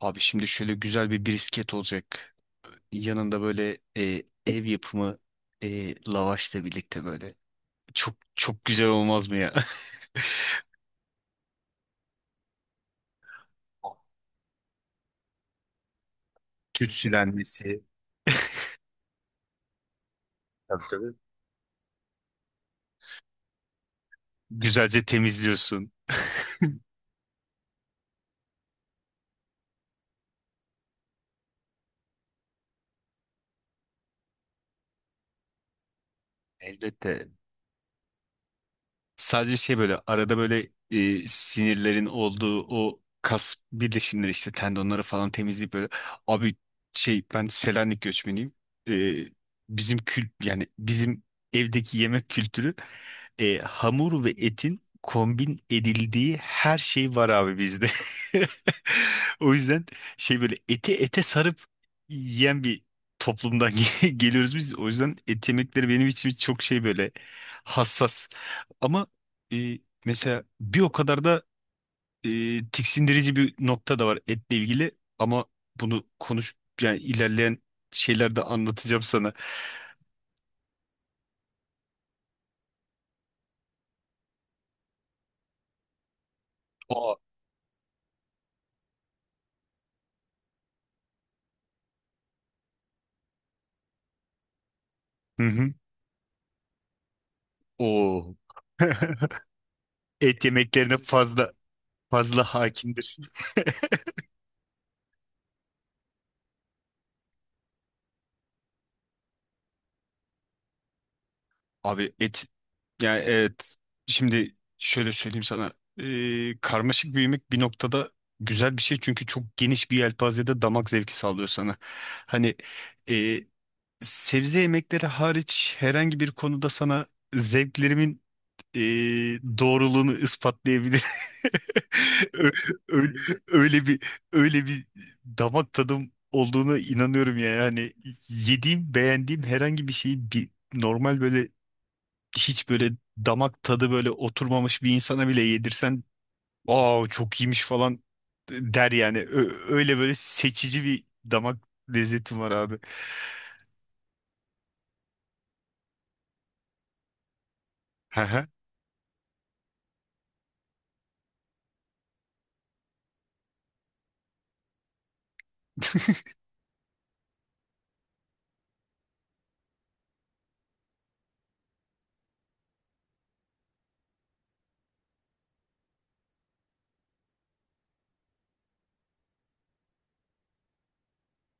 Abi şimdi şöyle güzel bir brisket olacak. Yanında böyle ev yapımı lavaşla birlikte böyle. Çok çok güzel olmaz mı ya? Tütsülenmesi. Tabii tabii. Güzelce temizliyorsun. Elbette. Sadece şey böyle arada böyle sinirlerin olduğu o kas birleşimleri işte tendonları falan temizleyip böyle. Abi şey ben Selanik göçmeniyim. E, bizim kült yani bizim evdeki yemek kültürü hamur ve etin kombin edildiği her şey var abi bizde. O yüzden şey böyle eti ete sarıp yiyen bir toplumdan geliyoruz biz. O yüzden et yemekleri benim için çok şey böyle hassas. Ama e, mesela bir o kadar da e, tiksindirici bir nokta da var etle ilgili. Ama bunu konuş yani ilerleyen şeylerde anlatacağım sana. Aa. Hı hı. Oo. Et yemeklerine fazla hakimdir. Abi et yani evet şimdi şöyle söyleyeyim sana. Karmaşık büyümek bir noktada güzel bir şey çünkü çok geniş bir yelpazede damak zevki sağlıyor sana. Hani e, sebze yemekleri hariç herhangi bir konuda sana zevklerimin e, doğruluğunu ispatlayabilir. Ö- ö- Öyle bir öyle bir damak tadım olduğuna inanıyorum ya. Yani yediğim, beğendiğim herhangi bir şeyi bir normal böyle hiç böyle damak tadı böyle oturmamış bir insana bile yedirsen, "Aa çok iyiymiş" falan der yani. Öyle böyle seçici bir damak lezzetim var abi. Hı hı.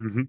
Hı hı.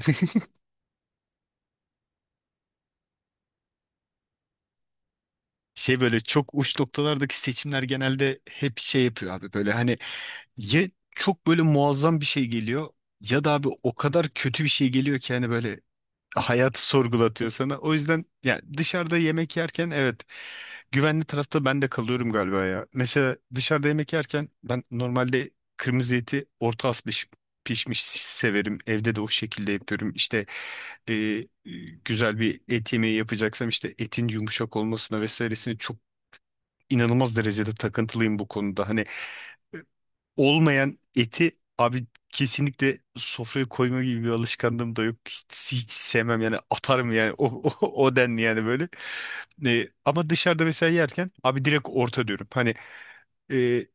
Şey böyle çok uç noktalardaki seçimler genelde hep şey yapıyor abi böyle hani ya çok böyle muazzam bir şey geliyor ya da abi o kadar kötü bir şey geliyor ki hani böyle hayatı sorgulatıyor sana. O yüzden ya dışarıda yemek yerken evet güvenli tarafta ben de kalıyorum galiba ya. Mesela dışarıda yemek yerken ben normalde kırmızı eti orta az pişmiş severim. Evde de o şekilde yapıyorum. İşte e, e, güzel bir et yemeği yapacaksam işte etin yumuşak olmasına vesairesine çok inanılmaz derecede takıntılıyım bu konuda. Hani e, olmayan eti abi kesinlikle sofraya koyma gibi bir alışkanlığım da yok. Hiç, hiç sevmem yani atarım yani o denli yani böyle. Ama dışarıda mesela yerken abi direkt orta diyorum. Hani e,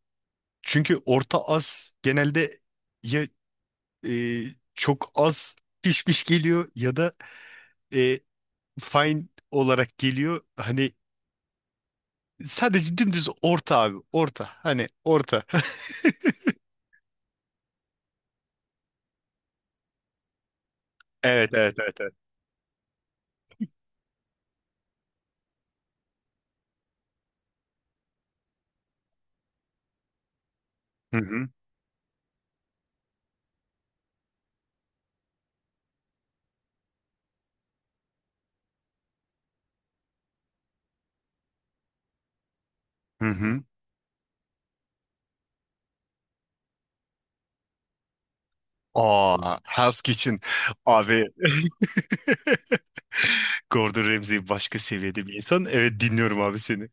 çünkü orta az genelde ya e, çok az pişmiş geliyor ya da e, fine olarak geliyor. Hani sadece dümdüz orta abi orta hani orta. Evet evet evet evet. Hı hı. Hı hı. Aa, Hell's Kitchen. Abi. Gordon Ramsay başka seviyede bir insan. Evet dinliyorum abi seni.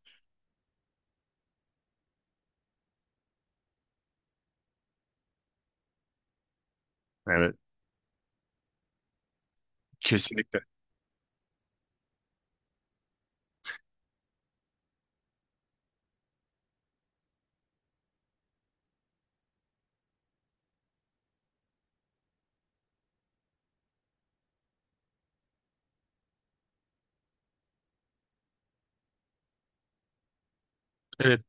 Evet. Kesinlikle. Evet.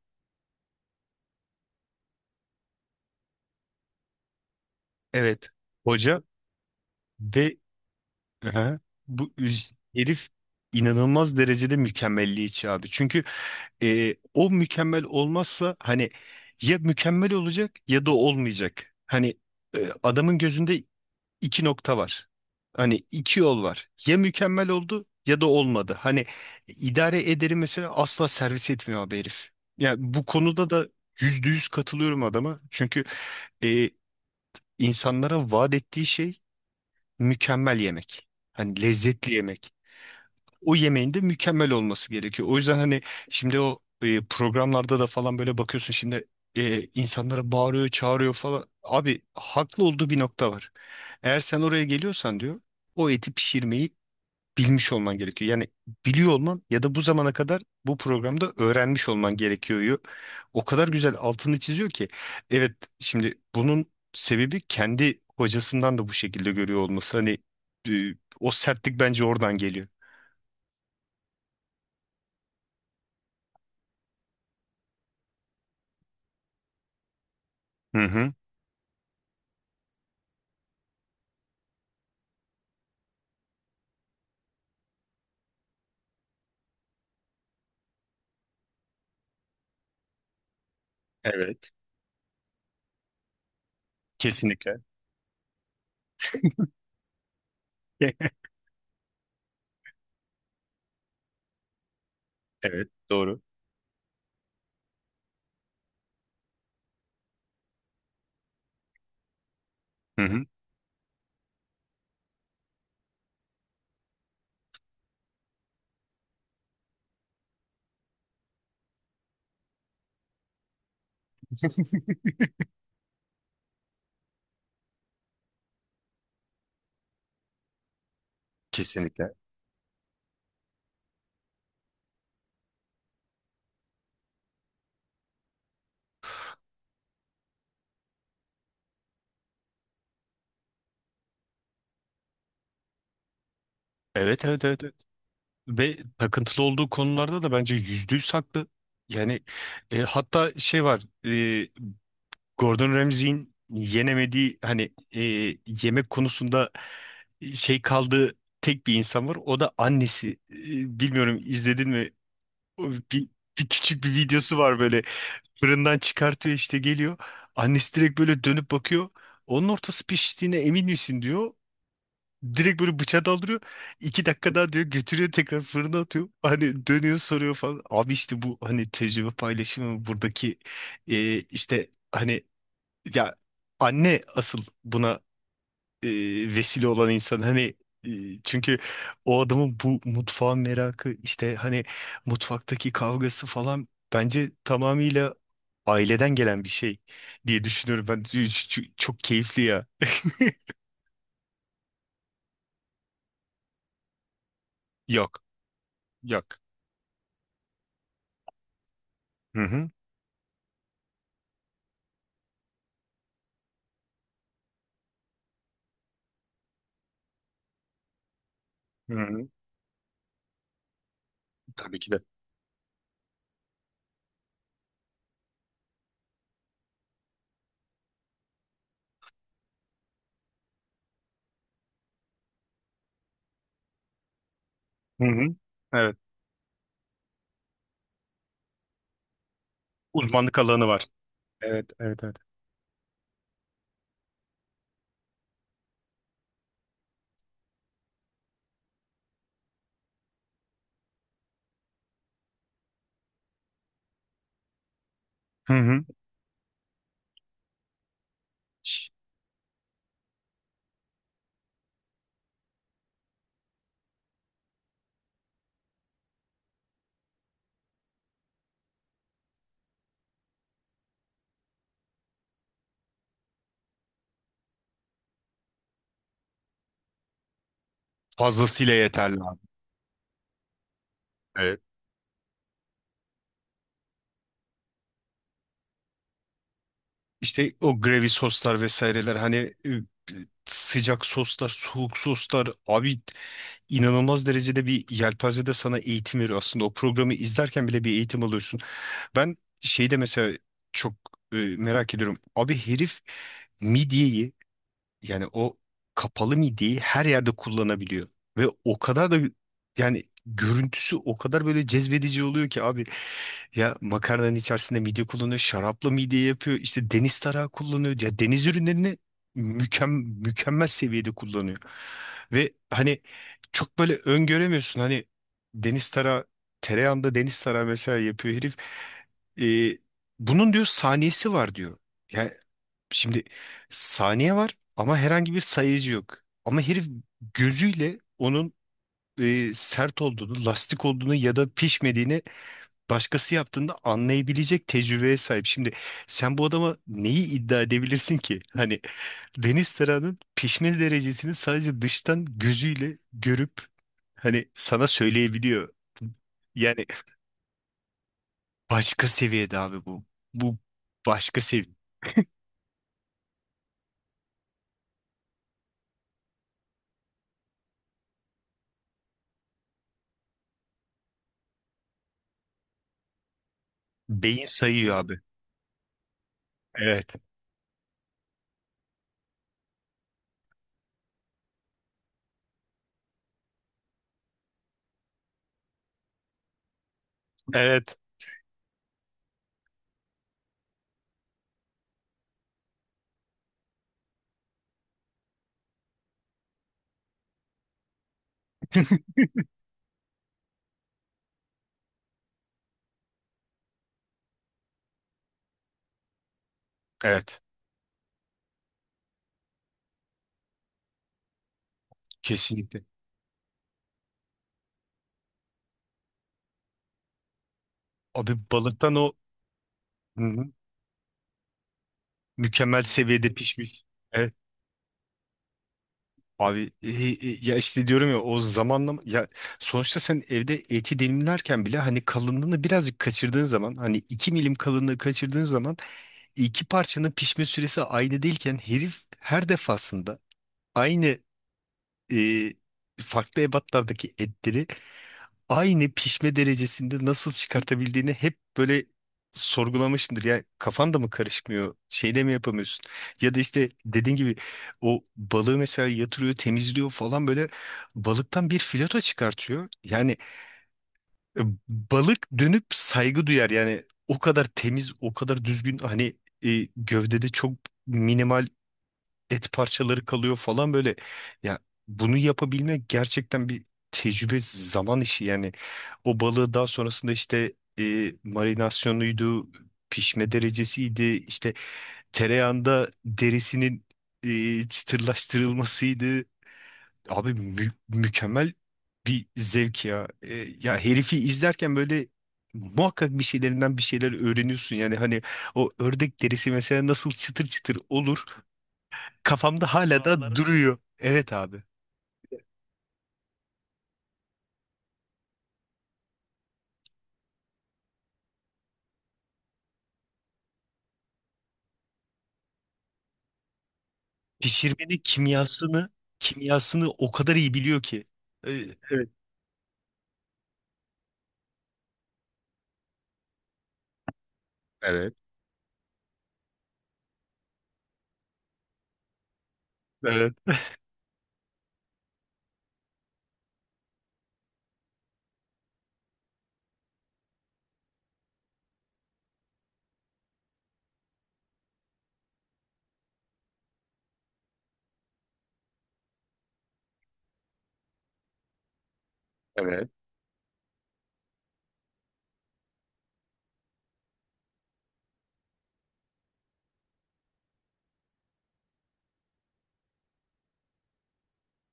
Evet. Hoca ve Aha. Herif inanılmaz derecede mükemmelliyetçi abi. Çünkü o mükemmel olmazsa hani ya mükemmel olacak ya da olmayacak. Hani adamın gözünde iki nokta var. Hani iki yol var. Ya mükemmel oldu ya da olmadı. Hani idare ederi mesela asla servis etmiyor abi herif. Yani bu konuda da yüzde yüz katılıyorum adama. Çünkü e, insanlara vaat ettiği şey mükemmel yemek. Hani lezzetli yemek o yemeğin de mükemmel olması gerekiyor. O yüzden hani şimdi o programlarda da falan böyle bakıyorsun şimdi insanlara bağırıyor, çağırıyor falan. Abi haklı olduğu bir nokta var. Eğer sen oraya geliyorsan diyor o eti pişirmeyi bilmiş olman gerekiyor. Yani biliyor olman ya da bu zamana kadar bu programda öğrenmiş olman gerekiyor, diyor. O kadar güzel altını çiziyor ki. Evet şimdi bunun sebebi kendi hocasından da bu şekilde görüyor olması. Hani e, o sertlik bence oradan geliyor. Hı hı. Evet. Kesinlikle. Evet. Doğru. Hı hı. Kesinlikle. Evet, evet, evet, evet. Ve takıntılı olduğu konularda da bence yüzde yüz haklı. Yani hatta şey var. Gordon Ramsay'in yenemediği hani e, yemek konusunda şey kaldığı tek bir insan var. O da annesi. Bilmiyorum izledin mi? O bir küçük bir videosu var böyle. Fırından çıkartıyor işte geliyor. Annesi direkt böyle dönüp bakıyor. Onun ortası piştiğine emin misin diyor. Direkt böyle bıçağı daldırıyor. İki dakika daha diyor götürüyor tekrar fırına atıyor. Hani dönüyor soruyor falan. Abi işte bu hani tecrübe paylaşımı buradaki işte hani ya anne asıl buna e, vesile olan insan hani e, çünkü o adamın bu mutfağın merakı işte hani mutfaktaki kavgası falan bence tamamıyla aileden gelen bir şey diye düşünüyorum ben çok keyifli ya. Yok yok, hı hı, hı hı. Tabii ki de hı hı. Evet uzmanlık alanı var, evet evet evet, hı hı. Fazlasıyla yeterli abi, evet. İşte o gravy soslar vesaireler hani e, sıcak soslar, soğuk soslar abi inanılmaz derecede bir yelpazede sana eğitim veriyor. Aslında o programı izlerken bile bir eğitim alıyorsun. Ben şeyde mesela çok merak ediyorum. Abi herif midyeyi yani o kapalı midiyi her yerde kullanabiliyor. Ve o kadar da yani görüntüsü o kadar böyle cezbedici oluyor ki abi. Ya makarnanın içerisinde midye kullanıyor, şarapla midye yapıyor, işte deniz tarağı kullanıyor. Ya deniz ürünlerini mükemmel seviyede kullanıyor. Ve hani çok böyle öngöremiyorsun. Hani deniz tarağı, tereyağında deniz tarağı mesela yapıyor herif. Ee, bunun diyor saniyesi var diyor. Şimdi saniye var ama herhangi bir sayıcı yok. Ama herif gözüyle onun sert olduğunu, lastik olduğunu ya da pişmediğini başkası yaptığında anlayabilecek tecrübeye sahip. Şimdi sen bu adama neyi iddia edebilirsin ki? Hani deniz tarağının pişme derecesini sadece dıştan gözüyle görüp hani sana söyleyebiliyor. Yani başka seviyede abi bu. Bu başka seviye. Beyin sayıyor abi. Evet. Evet. Evet. Kesinlikle. Abi balıktan o. Hı hı. Mükemmel seviyede pişmiş. Evet. Abi ya işte diyorum ya o zamanla ya sonuçta sen evde eti dilimlerken bile hani kalınlığını birazcık kaçırdığın zaman hani 2 milim kalınlığı kaçırdığın zaman iki parçanın pişme süresi aynı değilken herif her defasında aynı e, farklı ebatlardaki etleri aynı pişme derecesinde nasıl çıkartabildiğini hep böyle sorgulamışımdır. Ya kafan da mı karışmıyor? Şeyde mi yapamıyorsun? Ya da işte dediğin gibi o balığı mesela yatırıyor, temizliyor falan böyle balıktan bir fileto çıkartıyor. Yani e, balık dönüp saygı duyar. Yani o kadar temiz, o kadar düzgün hani gövdede çok minimal et parçaları kalıyor falan böyle. Ya bunu yapabilmek gerçekten bir tecrübe, zaman işi yani. O balığı daha sonrasında işte marinasyonuydu, pişme derecesiydi, işte tereyağında derisinin çıtırlaştırılmasıydı. Abi mükemmel bir zevk ya. Ya herifi izlerken böyle muhakkak bir şeylerinden bir şeyler öğreniyorsun. Yani hani o ördek derisi mesela nasıl çıtır çıtır olur kafamda hala da duruyor. Evet abi. Pişirmenin kimyasını kimyasını o kadar iyi biliyor ki. E, Evet. Evet.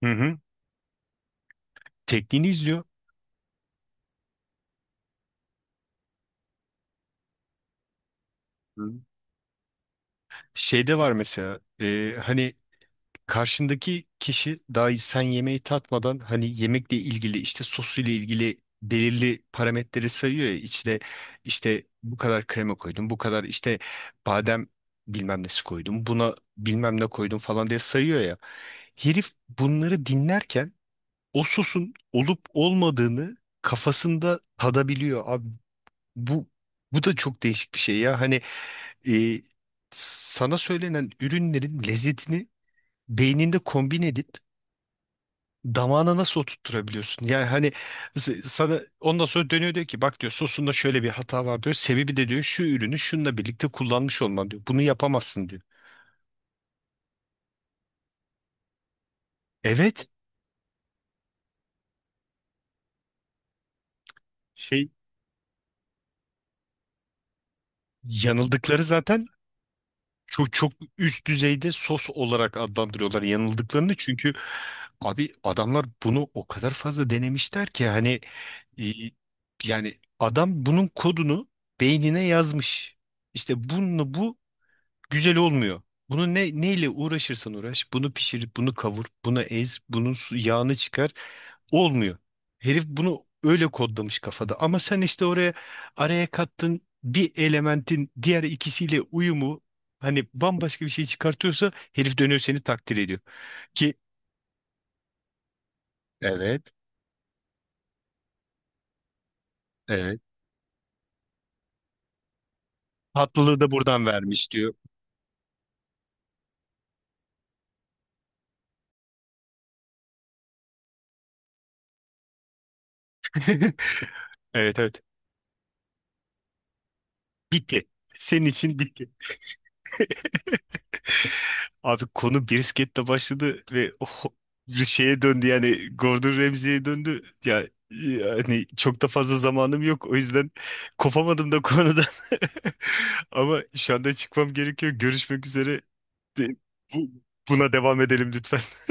Hı hı. Tekniğini izliyor. Hı. Şeyde var mesela hani karşındaki kişi dahi sen yemeği tatmadan hani yemekle ilgili işte sosuyla ilgili belirli parametreleri sayıyor ya içine işte bu kadar krema koydum bu kadar işte badem bilmem nesi koydum buna bilmem ne koydum falan diye sayıyor ya herif bunları dinlerken o sosun olup olmadığını kafasında tadabiliyor abi. Bu bu da çok değişik bir şey ya. Hani e, sana söylenen ürünlerin lezzetini beyninde kombin edip damağına nasıl oturtturabiliyorsun? Yani hani sana ondan sonra dönüyor diyor ki bak diyor sosunda şöyle bir hata var diyor. Sebebi de diyor şu ürünü şununla birlikte kullanmış olman diyor. Bunu yapamazsın diyor. Evet şey yanıldıkları zaten çok çok üst düzeyde sos olarak adlandırıyorlar yanıldıklarını çünkü abi adamlar bunu o kadar fazla denemişler ki hani e, yani adam bunun kodunu beynine yazmış. İşte bunu bu güzel olmuyor. Bunu ne neyle uğraşırsan uğraş, bunu pişir, bunu kavur, bunu ez, bunun yağını çıkar. Olmuyor. Herif bunu öyle kodlamış kafada. Ama sen işte oraya araya kattın bir elementin diğer ikisiyle uyumu hani bambaşka bir şey çıkartıyorsa herif dönüyor seni takdir ediyor. Ki evet, evet. Tatlılığı da buradan vermiş diyor. Evet evet. Bitti. Senin için bitti. Abi konu brisketle başladı ve bir şeye döndü yani Gordon Ramsay'e döndü. Ya yani çok da fazla zamanım yok o yüzden kopamadım da konudan. Ama şu anda çıkmam gerekiyor. Görüşmek üzere. De- bu- Buna devam edelim lütfen.